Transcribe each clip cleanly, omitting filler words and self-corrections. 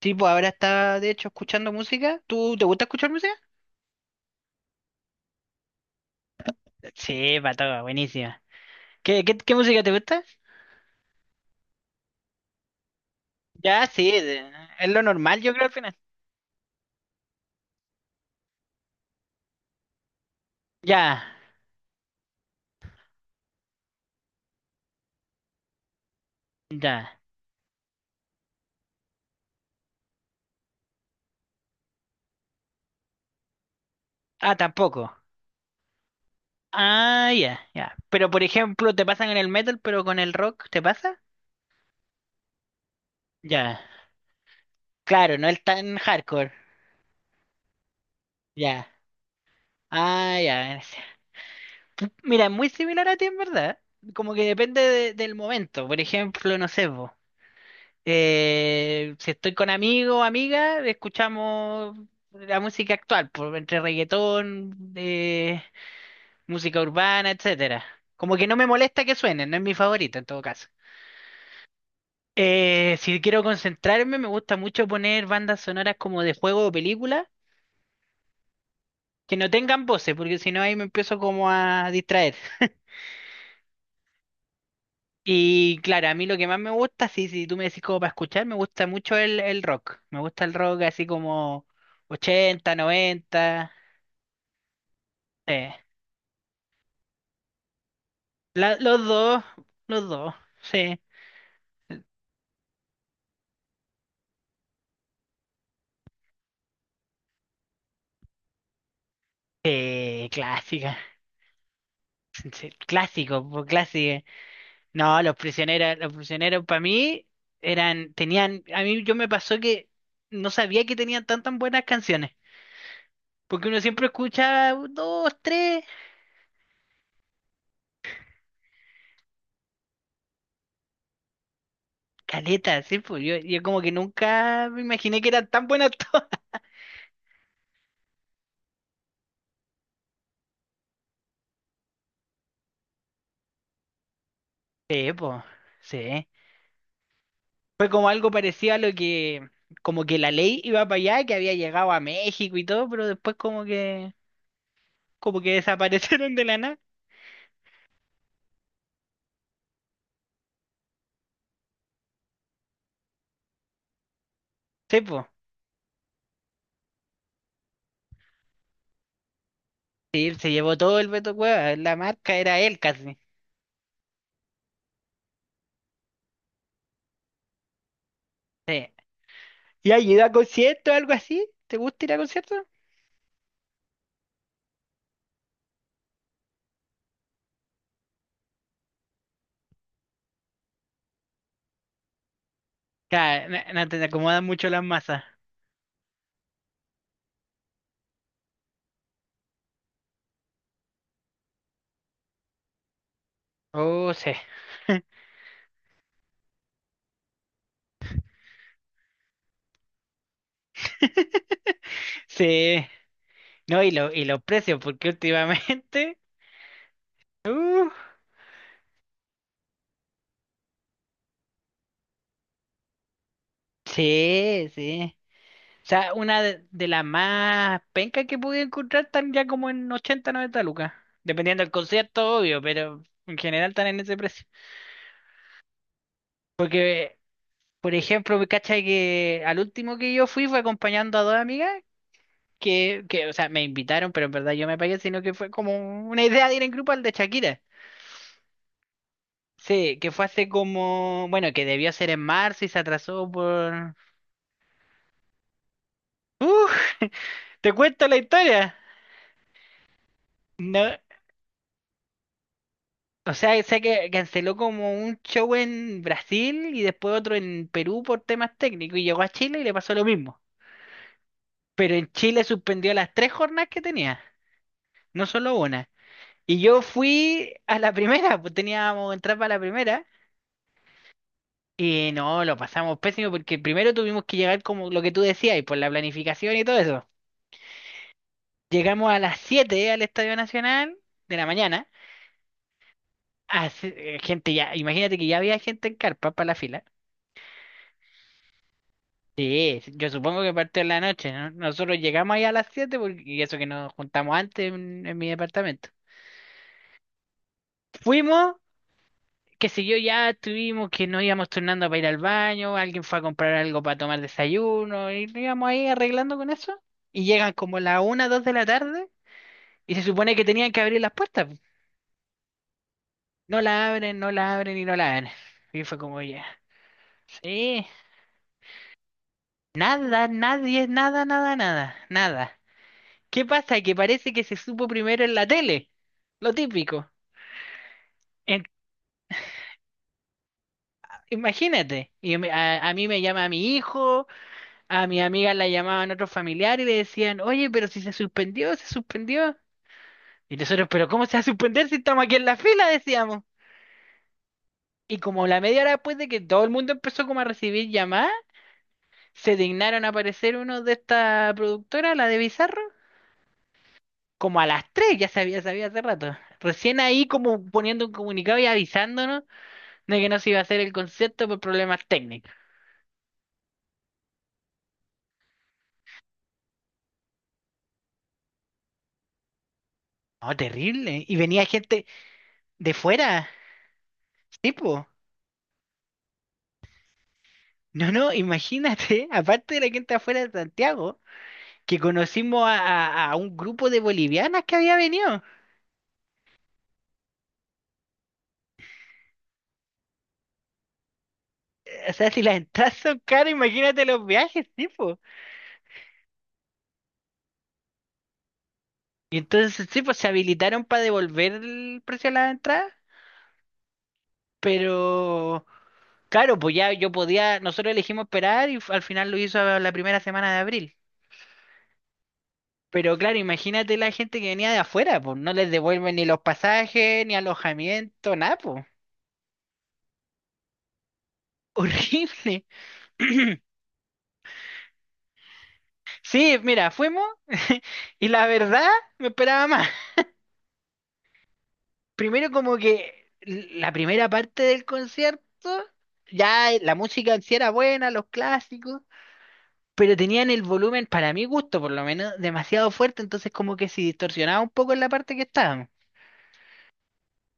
Sí, pues ahora está de hecho escuchando música. ¿Tú te gusta escuchar música? Sí, para todo, buenísima. ¿Qué música te gusta? Ya, sí, es lo normal, yo creo al final. Ya, ya. Ah, tampoco. Ah, ya, ya. Pero por ejemplo, te pasan en el metal, pero con el rock, ¿te pasa? Ya. Claro, no es tan hardcore. Ya. Ah, ya. Mira, es muy similar a ti en verdad. Como que depende del momento. Por ejemplo, no sé, po. Si estoy con amigos o amigas, escuchamos la música actual, entre reggaetón, música urbana, etcétera. Como que no me molesta que suenen, no es mi favorita en todo caso. Si quiero concentrarme, me gusta mucho poner bandas sonoras como de juego o película, que no tengan voces, porque si no ahí me empiezo como a distraer. Y claro, a mí lo que más me gusta, si tú me decís como para escuchar, me gusta mucho el rock. Me gusta el rock así como 80, 90. Sí. Los dos, los dos, sí. Sí, clásica. Sí, clásico, po, clásico. No, los prisioneros para mí eran, tenían, a mí yo me pasó que no sabía que tenían tan buenas canciones, porque uno siempre escucha dos, tres, caletas, sí, pues yo como que nunca me imaginé que eran tan buenas todas. Sí, pues, sí. Fue como algo parecido a lo que, como que la ley iba para allá, que había llegado a México y todo, pero después como que, como que desaparecieron de la nada. Sí, po. Sí, se llevó todo el Beto Cueva. La marca era él casi. Sí. ¿Y has ido a conciertos o algo así? ¿Te gusta ir a conciertos? Claro, no, no te acomodan mucho las masas. Oh, sí. Sí. No, y los precios, porque últimamente. Uh, sí, sí. O sea, una de las más pencas que pude encontrar están ya como en 80, 90, lucas. Dependiendo del concierto, obvio, pero en general están en ese precio. porque Por ejemplo, me cacha que al último que yo fui fue acompañando a dos amigas o sea, me invitaron, pero en verdad yo me pagué, sino que fue como una idea de ir en grupo al de Shakira. Sí, que fue hace como, bueno, que debió ser en marzo y se atrasó por... ¿Te cuento la historia? No, o sea, sé que canceló como un show en Brasil y después otro en Perú por temas técnicos y llegó a Chile y le pasó lo mismo. Pero en Chile suspendió las tres jornadas que tenía, no solo una. Y yo fui a la primera, pues teníamos entrar para la primera. Y no, lo pasamos pésimo porque primero tuvimos que llegar como lo que tú decías, y por la planificación y todo eso. Llegamos a las 7 al Estadio Nacional de la mañana. Gente ya, imagínate que ya había gente en carpa para la fila. Sí, sí, yo supongo que partió en la noche, ¿no? Nosotros llegamos ahí a las 7 porque, y eso que nos juntamos antes en mi departamento. Fuimos qué sé yo, ya tuvimos que nos íbamos turnando para ir al baño, alguien fue a comprar algo para tomar desayuno, y nos íbamos ahí arreglando con eso. Y llegan como las una, dos de la tarde, y se supone que tenían que abrir las puertas. No la abren y no la abren. Y fue como ya. Sí, nada, nadie, nada, nada, nada, nada. ¿Qué pasa? Que parece que se supo primero en la tele. Lo típico. En- Imagínate. Y a mí me llama mi hijo. A mi amiga la llamaban otros familiares y le decían, oye, pero si se suspendió, se suspendió. Y nosotros, pero ¿cómo se va a suspender si estamos aquí en la fila? Decíamos. Y como la media hora después de que todo el mundo empezó como a recibir llamadas, se dignaron a aparecer uno de esta productora, la de Bizarro, como a las 3 ya sabía, sabía hace rato. Recién ahí como poniendo un comunicado y avisándonos de que no se iba a hacer el concierto por problemas técnicos. No, terrible. Y venía gente de fuera, tipo. No, no, imagínate, aparte de la gente afuera de Santiago, que conocimos a, a un grupo de bolivianas que había venido. O sea, si las entradas son caras, imagínate los viajes, sí, po. Y entonces, sí, pues se habilitaron para devolver el precio de las entradas, pero claro, pues ya yo podía, nosotros elegimos esperar y al final lo hizo a la primera semana de abril. Pero claro, imagínate la gente que venía de afuera, pues no les devuelven ni los pasajes, ni alojamiento, nada, pues. Horrible. Sí, mira, fuimos y la verdad me esperaba más. Primero como que la primera parte del concierto, ya la música en sí era buena, los clásicos, pero tenían el volumen, para mi gusto por lo menos, demasiado fuerte, entonces como que se distorsionaba un poco en la parte que estábamos.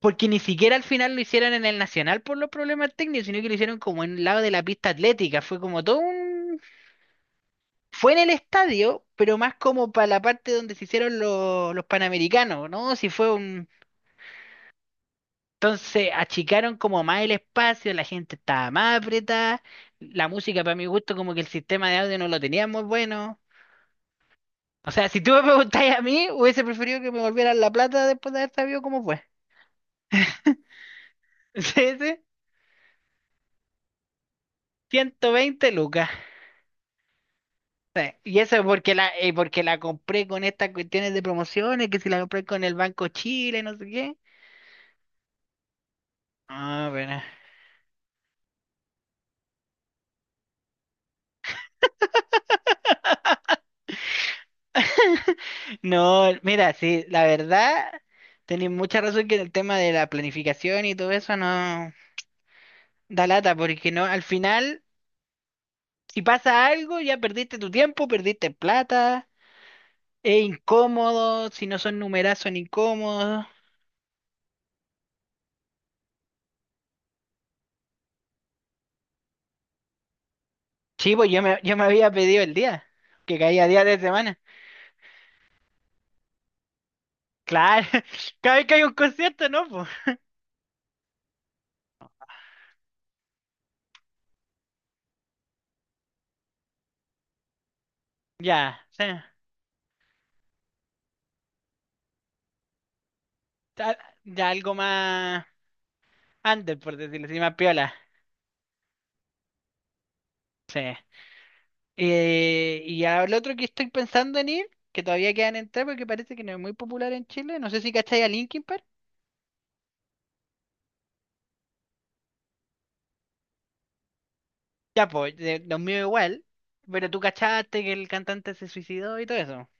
Porque ni siquiera al final lo hicieron en el Nacional por los problemas técnicos, sino que lo hicieron como en el lado de la pista atlética. Fue como todo un... Fue en el estadio, pero más como para la parte donde se hicieron los Panamericanos, ¿no? Si fue un... Entonces achicaron como más el espacio, la gente estaba más apretada, la música para mi gusto como que el sistema de audio no lo tenía muy bueno. O sea, si tú me preguntáis a mí, hubiese preferido que me volvieran la plata después de haber sabido cómo fue. Sí, sí, 120 lucas. Sí, y eso es porque porque la compré con estas cuestiones de promociones, que si la compré con el Banco Chile, no sé qué. Ah, bueno. No, mira, sí, la verdad, tenéis mucha razón que el tema de la planificación y todo eso no. Da lata, porque no, al final, si pasa algo, ya perdiste tu tiempo, perdiste plata, es incómodo, si no son numerazos son incómodos. Sí, pues yo me había pedido el día, que caía día de semana. Claro, cada vez que hay un concierto, ¿no? Pues ya, sí. Ya, ya algo más under, por decirlo así, más piola. Sí. Y al otro que estoy pensando en ir, que todavía quedan entrar porque parece que no es muy popular en Chile, no sé si cacháis a Linkin Park. Ya, pues, los míos igual, pero tú cachaste que el cantante se suicidó y todo eso.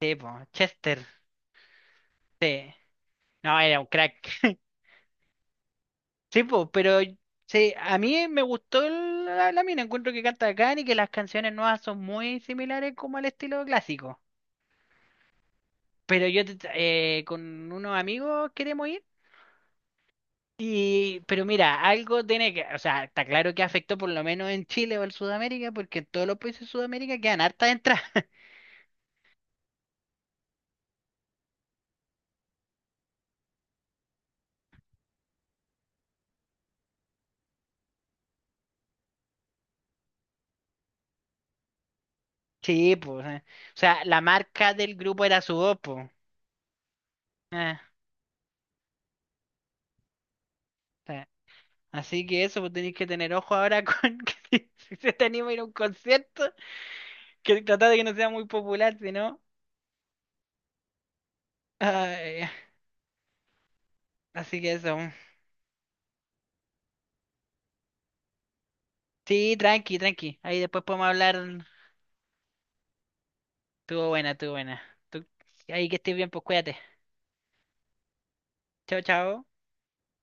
Sí, pues, Chester, sí. No, era un crack. Sí, pues, pero sí, a mí me gustó la mina, encuentro que canta bacán y que las canciones nuevas son muy similares como al estilo clásico. Pero yo te- con unos amigos queremos ir y, pero mira, algo tiene que, o sea, está claro que afectó por lo menos en Chile o en Sudamérica, porque en todos los países de Sudamérica quedan hartas entradas. Sí, pues. O sea, la marca del grupo era su voz, pues. Eh, eh. Así que eso, pues tenéis que tener ojo ahora con que si se te anima a ir a un concierto, que tratar de que no sea muy popular, si no. Ay, así que eso. Sí, tranqui, tranqui. Ahí después podemos hablar. Estuvo buena, estuvo buena. Tú- Ahí que estés bien, pues cuídate. Chao, chao.